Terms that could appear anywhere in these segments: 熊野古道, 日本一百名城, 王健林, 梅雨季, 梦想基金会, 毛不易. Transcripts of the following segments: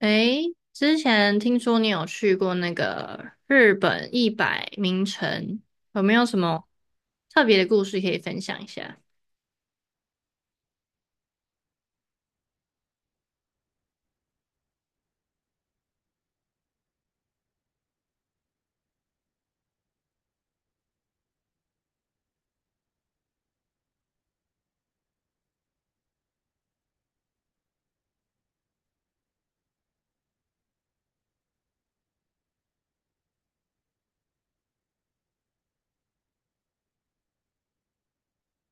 诶，之前听说你有去过那个日本一百名城，有没有什么特别的故事可以分享一下？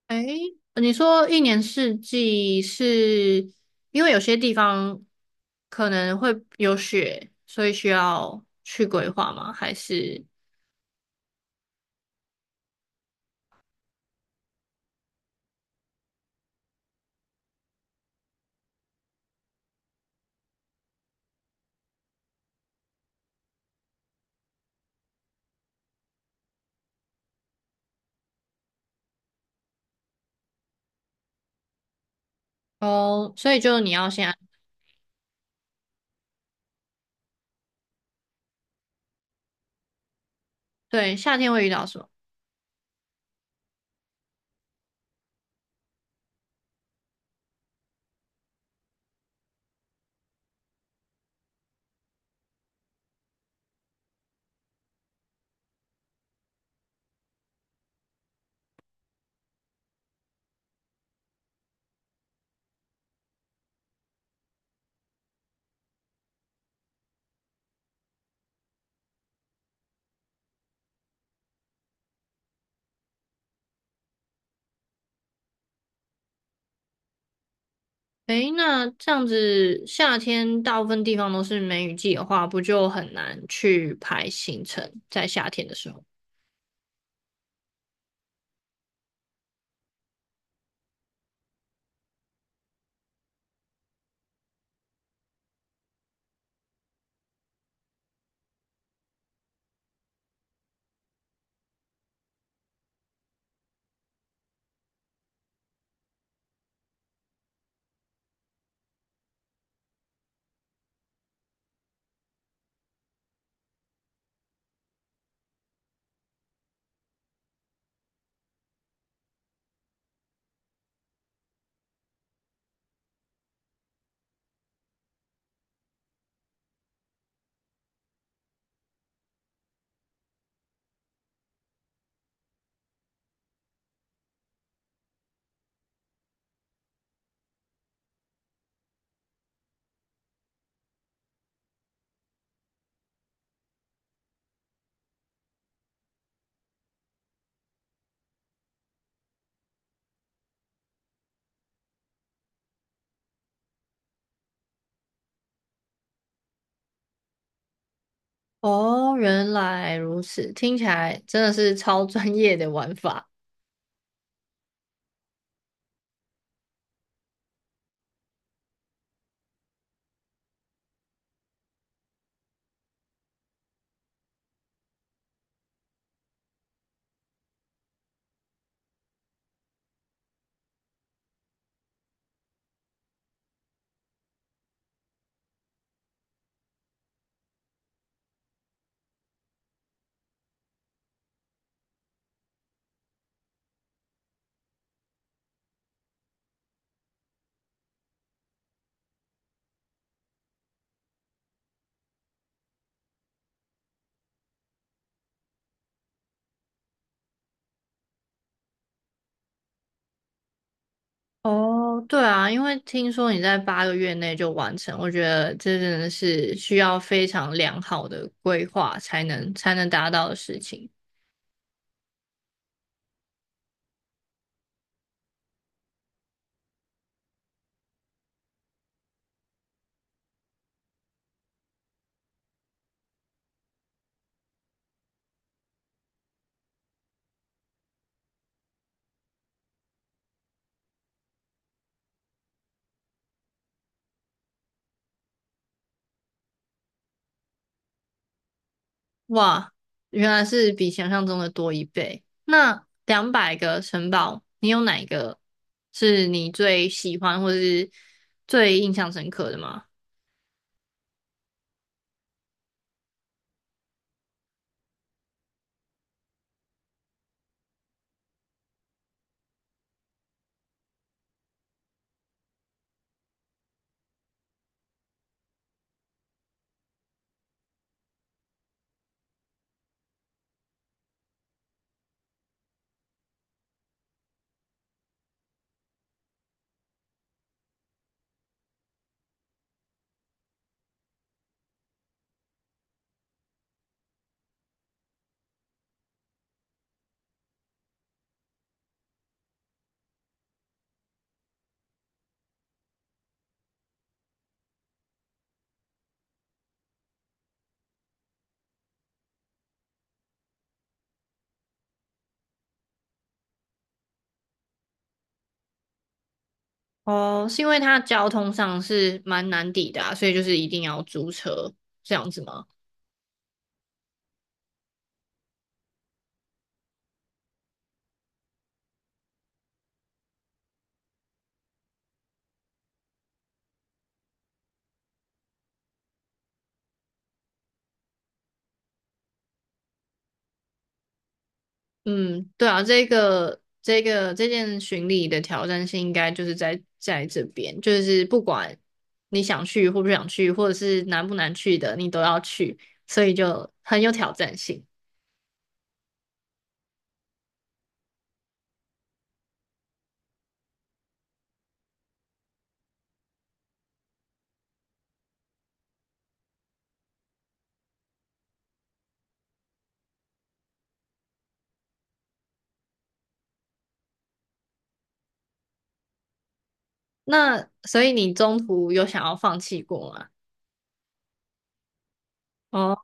诶，你说一年四季是因为有些地方可能会有雪，所以需要去规划吗？还是哦，所以就你要先对夏天会遇到什么？诶，那这样子，夏天大部分地方都是梅雨季的话，不就很难去排行程？在夏天的时候。哦，原来如此，听起来真的是超专业的玩法。哦，对啊，因为听说你在八个月内就完成，我觉得这真的是需要非常良好的规划才能达到的事情。哇，原来是比想象中的多一倍。那200个城堡，你有哪一个是你最喜欢或者是最印象深刻的吗？哦，是因为它交通上是蛮难抵达，所以就是一定要租车这样子吗？嗯，对啊，这件巡礼的挑战性应该就是在这边，就是不管你想去或不想去，或者是难不难去的，你都要去，所以就很有挑战性。那所以你中途有想要放弃过吗？哦，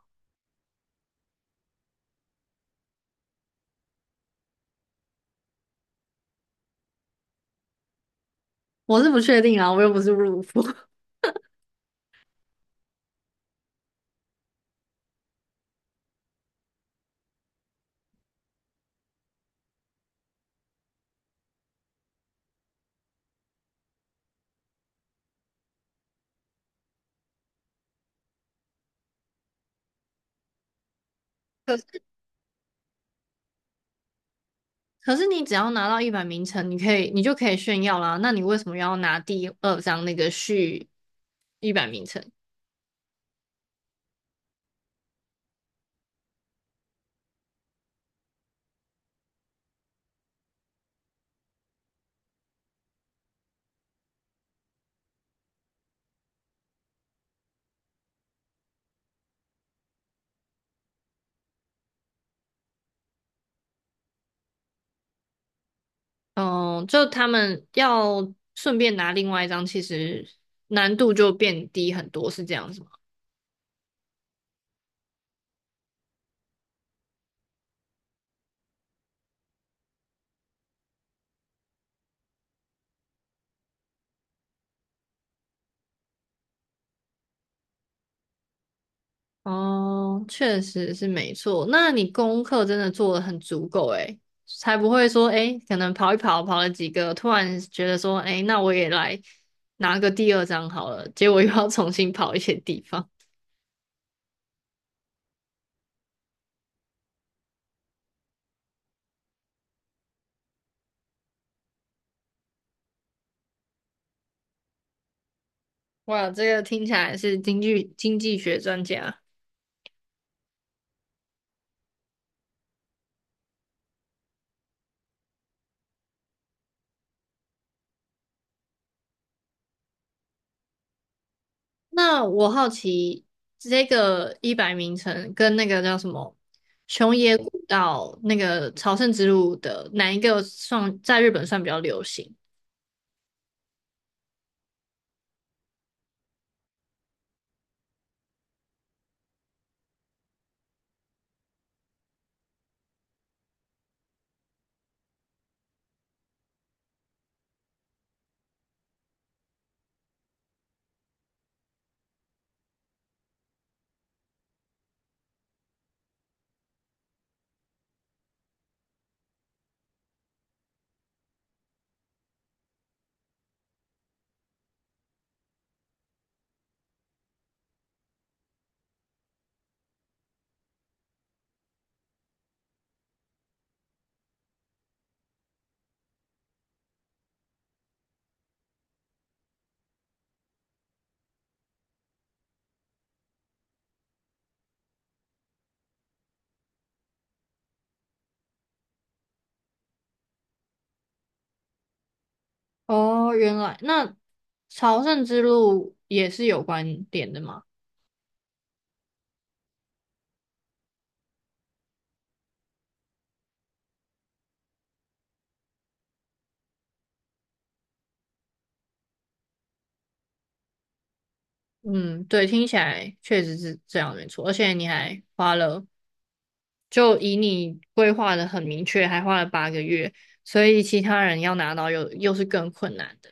我是不确定啊，我又不是入伍。可可是你只要拿到一百名称，你就可以炫耀啦。那你为什么要拿第二张那个序一百名称？嗯，就他们要顺便拿另外一张，其实难度就变低很多，是这样子吗。哦，确实是没错。那你功课真的做的很足够诶，才不会说诶，可能跑一跑，跑了几个，突然觉得说诶，那我也来拿个第二张好了，结果又要重新跑一些地方。哇，这个听起来是经济学专家。那我好奇，这个一百名城跟那个叫什么熊野古道那个朝圣之路的哪一个算在日本算比较流行？哦，原来那朝圣之路也是有关点的嘛？嗯，对，听起来确实是这样没错，而且你还花了，就以你规划的很明确，还花了八个月，所以其他人要拿到又是更困难的。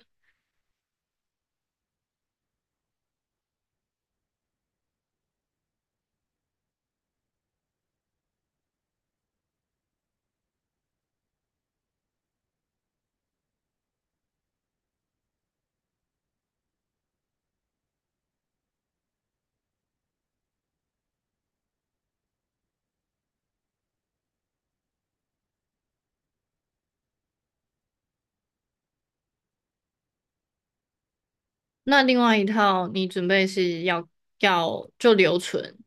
那另外一套你准备是要就留存，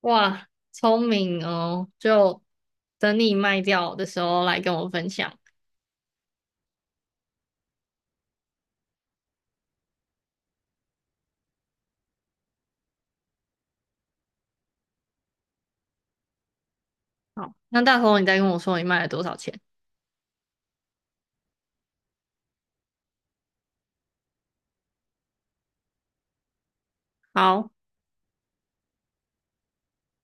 哇，聪明哦，就等你卖掉的时候来跟我分享。好，那到时候你再跟我说你卖了多少钱。好。